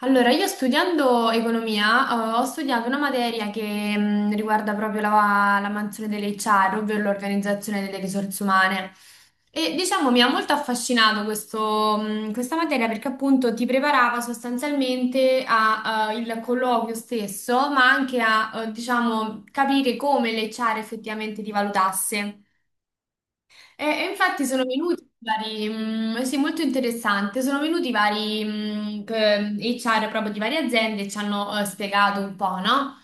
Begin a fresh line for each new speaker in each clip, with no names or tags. Allora, io studiando economia, ho studiato una materia che riguarda proprio la mansione dell'HR, ovvero l'organizzazione delle risorse umane. E diciamo mi ha molto affascinato questo, questa materia perché appunto ti preparava sostanzialmente al colloquio stesso, ma anche a, diciamo, capire come l'HR effettivamente ti valutasse. E infatti sono venuti sì, molto interessante, sono venuti vari HR proprio di varie aziende e ci hanno spiegato un po', no?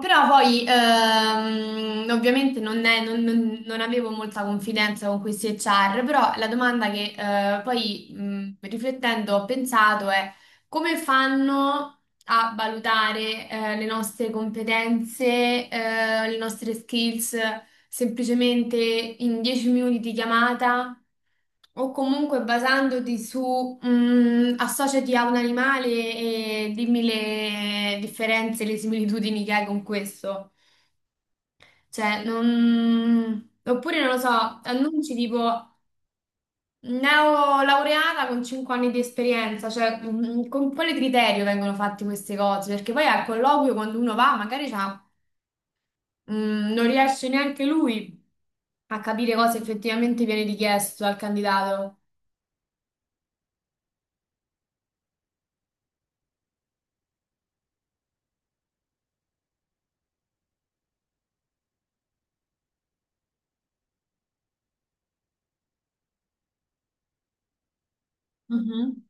Però poi ovviamente non, è- non- non- non avevo molta confidenza con questi HR, però la domanda che poi riflettendo ho pensato è come fanno a valutare le nostre competenze, le nostre skills? Semplicemente in 10 minuti di chiamata o comunque basandoti su associati a un animale e dimmi le differenze, le similitudini che hai con questo. Cioè, non... Oppure, non lo so, annunci tipo neolaureata con 5 anni di esperienza, cioè con quale criterio vengono fatte queste cose? Perché poi al colloquio quando uno va magari c'ha non riesce neanche lui a capire cosa effettivamente viene richiesto al candidato. Mhm.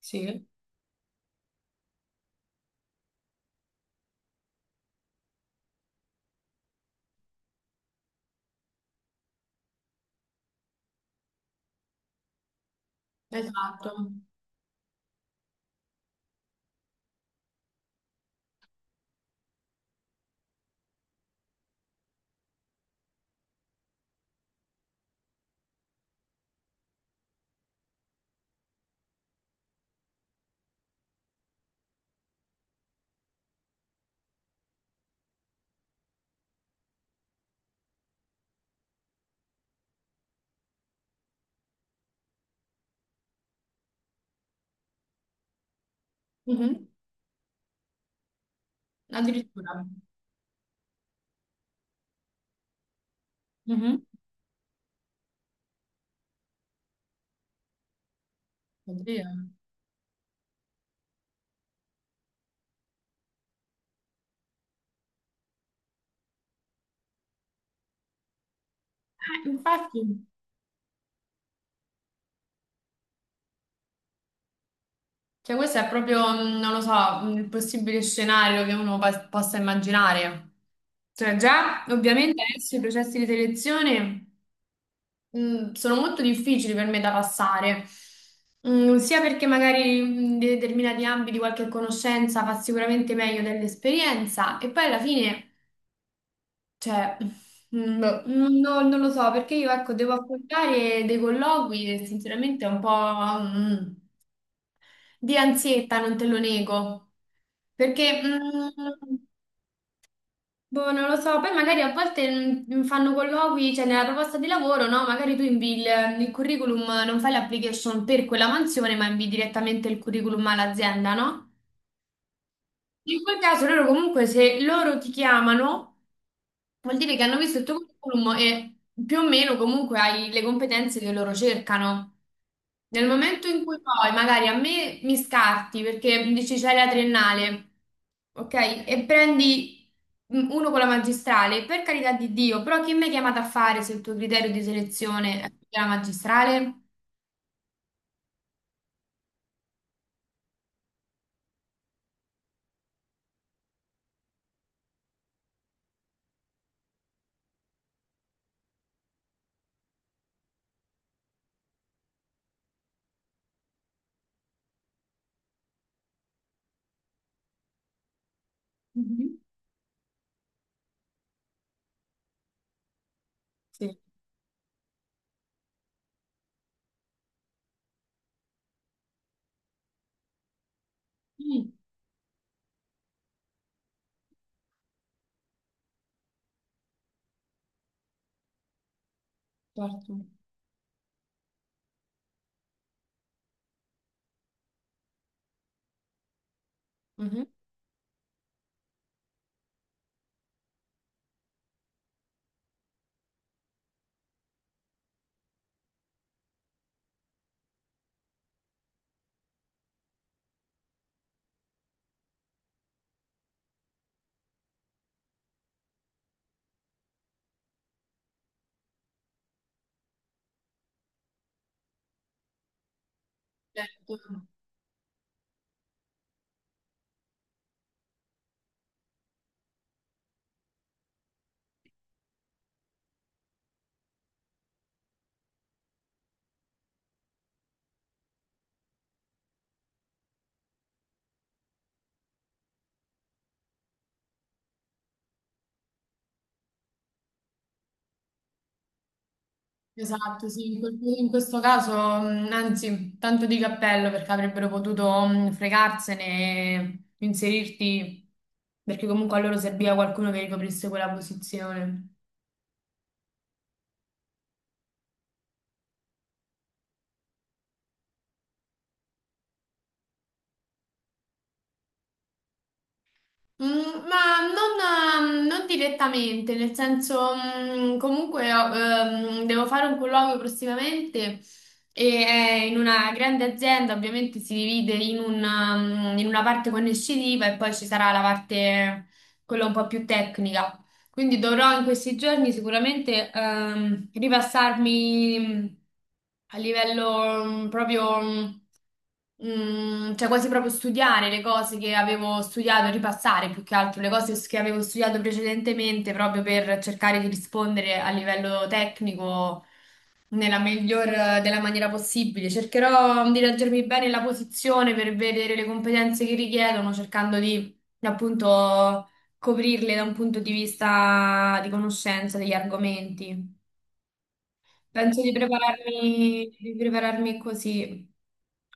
Sì. Esatto. Mhm. Addirittura. Mhm. Oddio. Infatti, cioè questo è proprio, non lo so, il possibile scenario che uno possa immaginare. Cioè già, ovviamente adesso i processi di selezione sono molto difficili per me da passare, sia perché magari in determinati ambiti qualche conoscenza fa sicuramente meglio dell'esperienza e poi alla fine, cioè, mm, non lo so, perché io ecco devo affrontare dei colloqui e sinceramente è un po' di ansietta, non te lo nego, perché... mm, Boh, non lo so, poi magari a volte fanno colloqui, cioè nella proposta di lavoro, no? Magari tu invi il curriculum, non fai l'application per quella mansione, ma invi direttamente il curriculum all'azienda, no? In quel caso loro comunque se loro ti chiamano vuol dire che hanno visto il tuo curriculum e più o meno comunque hai le competenze che loro cercano. Nel momento in cui poi magari a me mi scarti perché dici c'hai la triennale, ok? E prendi uno con la magistrale, per carità di Dio, però chi mi hai chiamato a fare se il tuo criterio di selezione è la magistrale? Mhm. Sì. Mm, certo. Mhm. Certo. Esatto, sì, in questo caso, anzi, tanto di cappello perché avrebbero potuto fregarsene, e inserirti, perché comunque a loro serviva qualcuno che ricoprisse quella posizione. Ma non, non direttamente, nel senso, comunque devo fare un colloquio prossimamente e è in una grande azienda, ovviamente si divide in una, in una parte conoscitiva e poi ci sarà la parte, quella un po' più tecnica. Quindi dovrò in questi giorni sicuramente ripassarmi a livello cioè quasi proprio studiare le cose che avevo studiato, ripassare più che altro le cose che avevo studiato precedentemente proprio per cercare di rispondere a livello tecnico nella miglior della maniera possibile. Cercherò di leggermi bene la posizione per vedere le competenze che richiedono, cercando di appunto coprirle da un punto di vista di conoscenza degli argomenti. Penso di prepararmi così.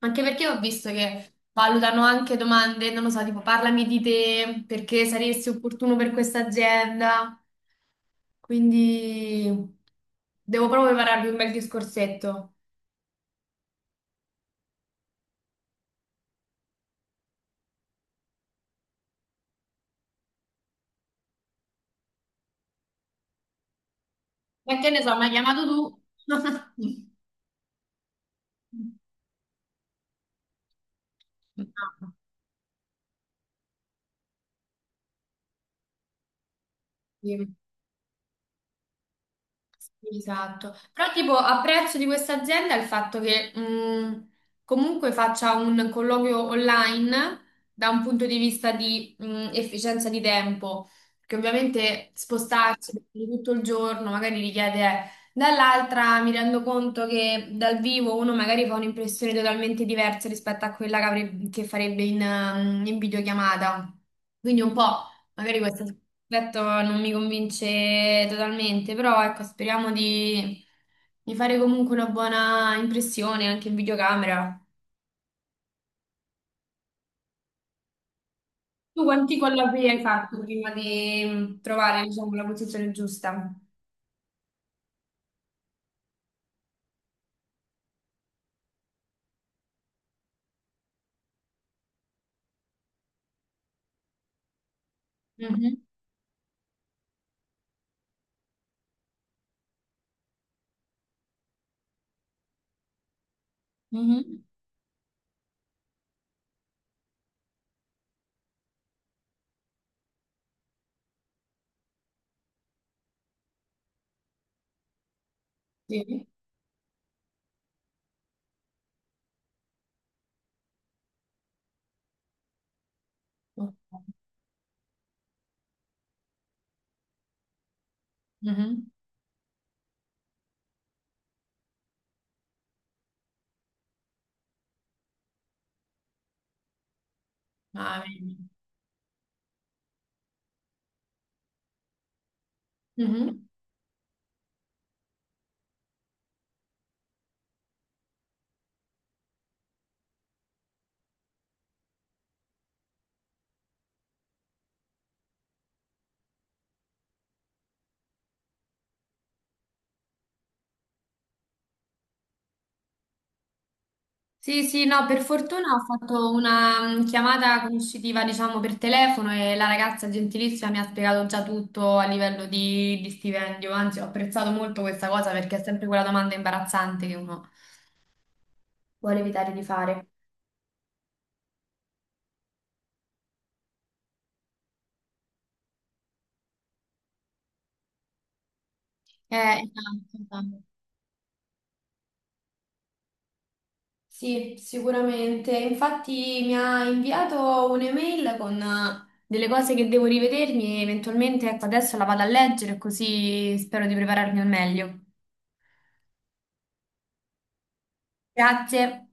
Anche perché ho visto che valutano anche domande, non lo so, tipo parlami di te, perché saresti opportuno per questa azienda. Quindi devo proprio prepararmi un bel discorsetto. E che ne so, mi hai chiamato tu? No. Sì. Esatto, però tipo apprezzo di questa azienda il fatto che comunque faccia un colloquio online da un punto di vista di efficienza di tempo, che ovviamente spostarsi per tutto il giorno magari richiede, eh. Dall'altra mi rendo conto che dal vivo uno magari fa un'impressione totalmente diversa rispetto a quella che, che farebbe in, in videochiamata, quindi un po'. Magari questo aspetto non mi convince totalmente, però ecco, speriamo di fare comunque una buona impressione anche in videocamera. Tu quanti collabori hai fatto prima di trovare, diciamo, la posizione giusta? Mhm. Mhm. Sì. Ok. Mhm. Ah, vedi. Mhm. Sì, sì, no, per fortuna ho fatto una chiamata conoscitiva, diciamo, per telefono e la ragazza gentilissima mi ha spiegato già tutto a livello di stipendio, anzi ho apprezzato molto questa cosa perché è sempre quella domanda imbarazzante che uno vuole evitare di fare. Eh, esatto, esatto. Sì, sicuramente. Infatti mi ha inviato un'email con delle cose che devo rivedermi e eventualmente, ecco, adesso la vado a leggere così spero di prepararmi al meglio. Grazie.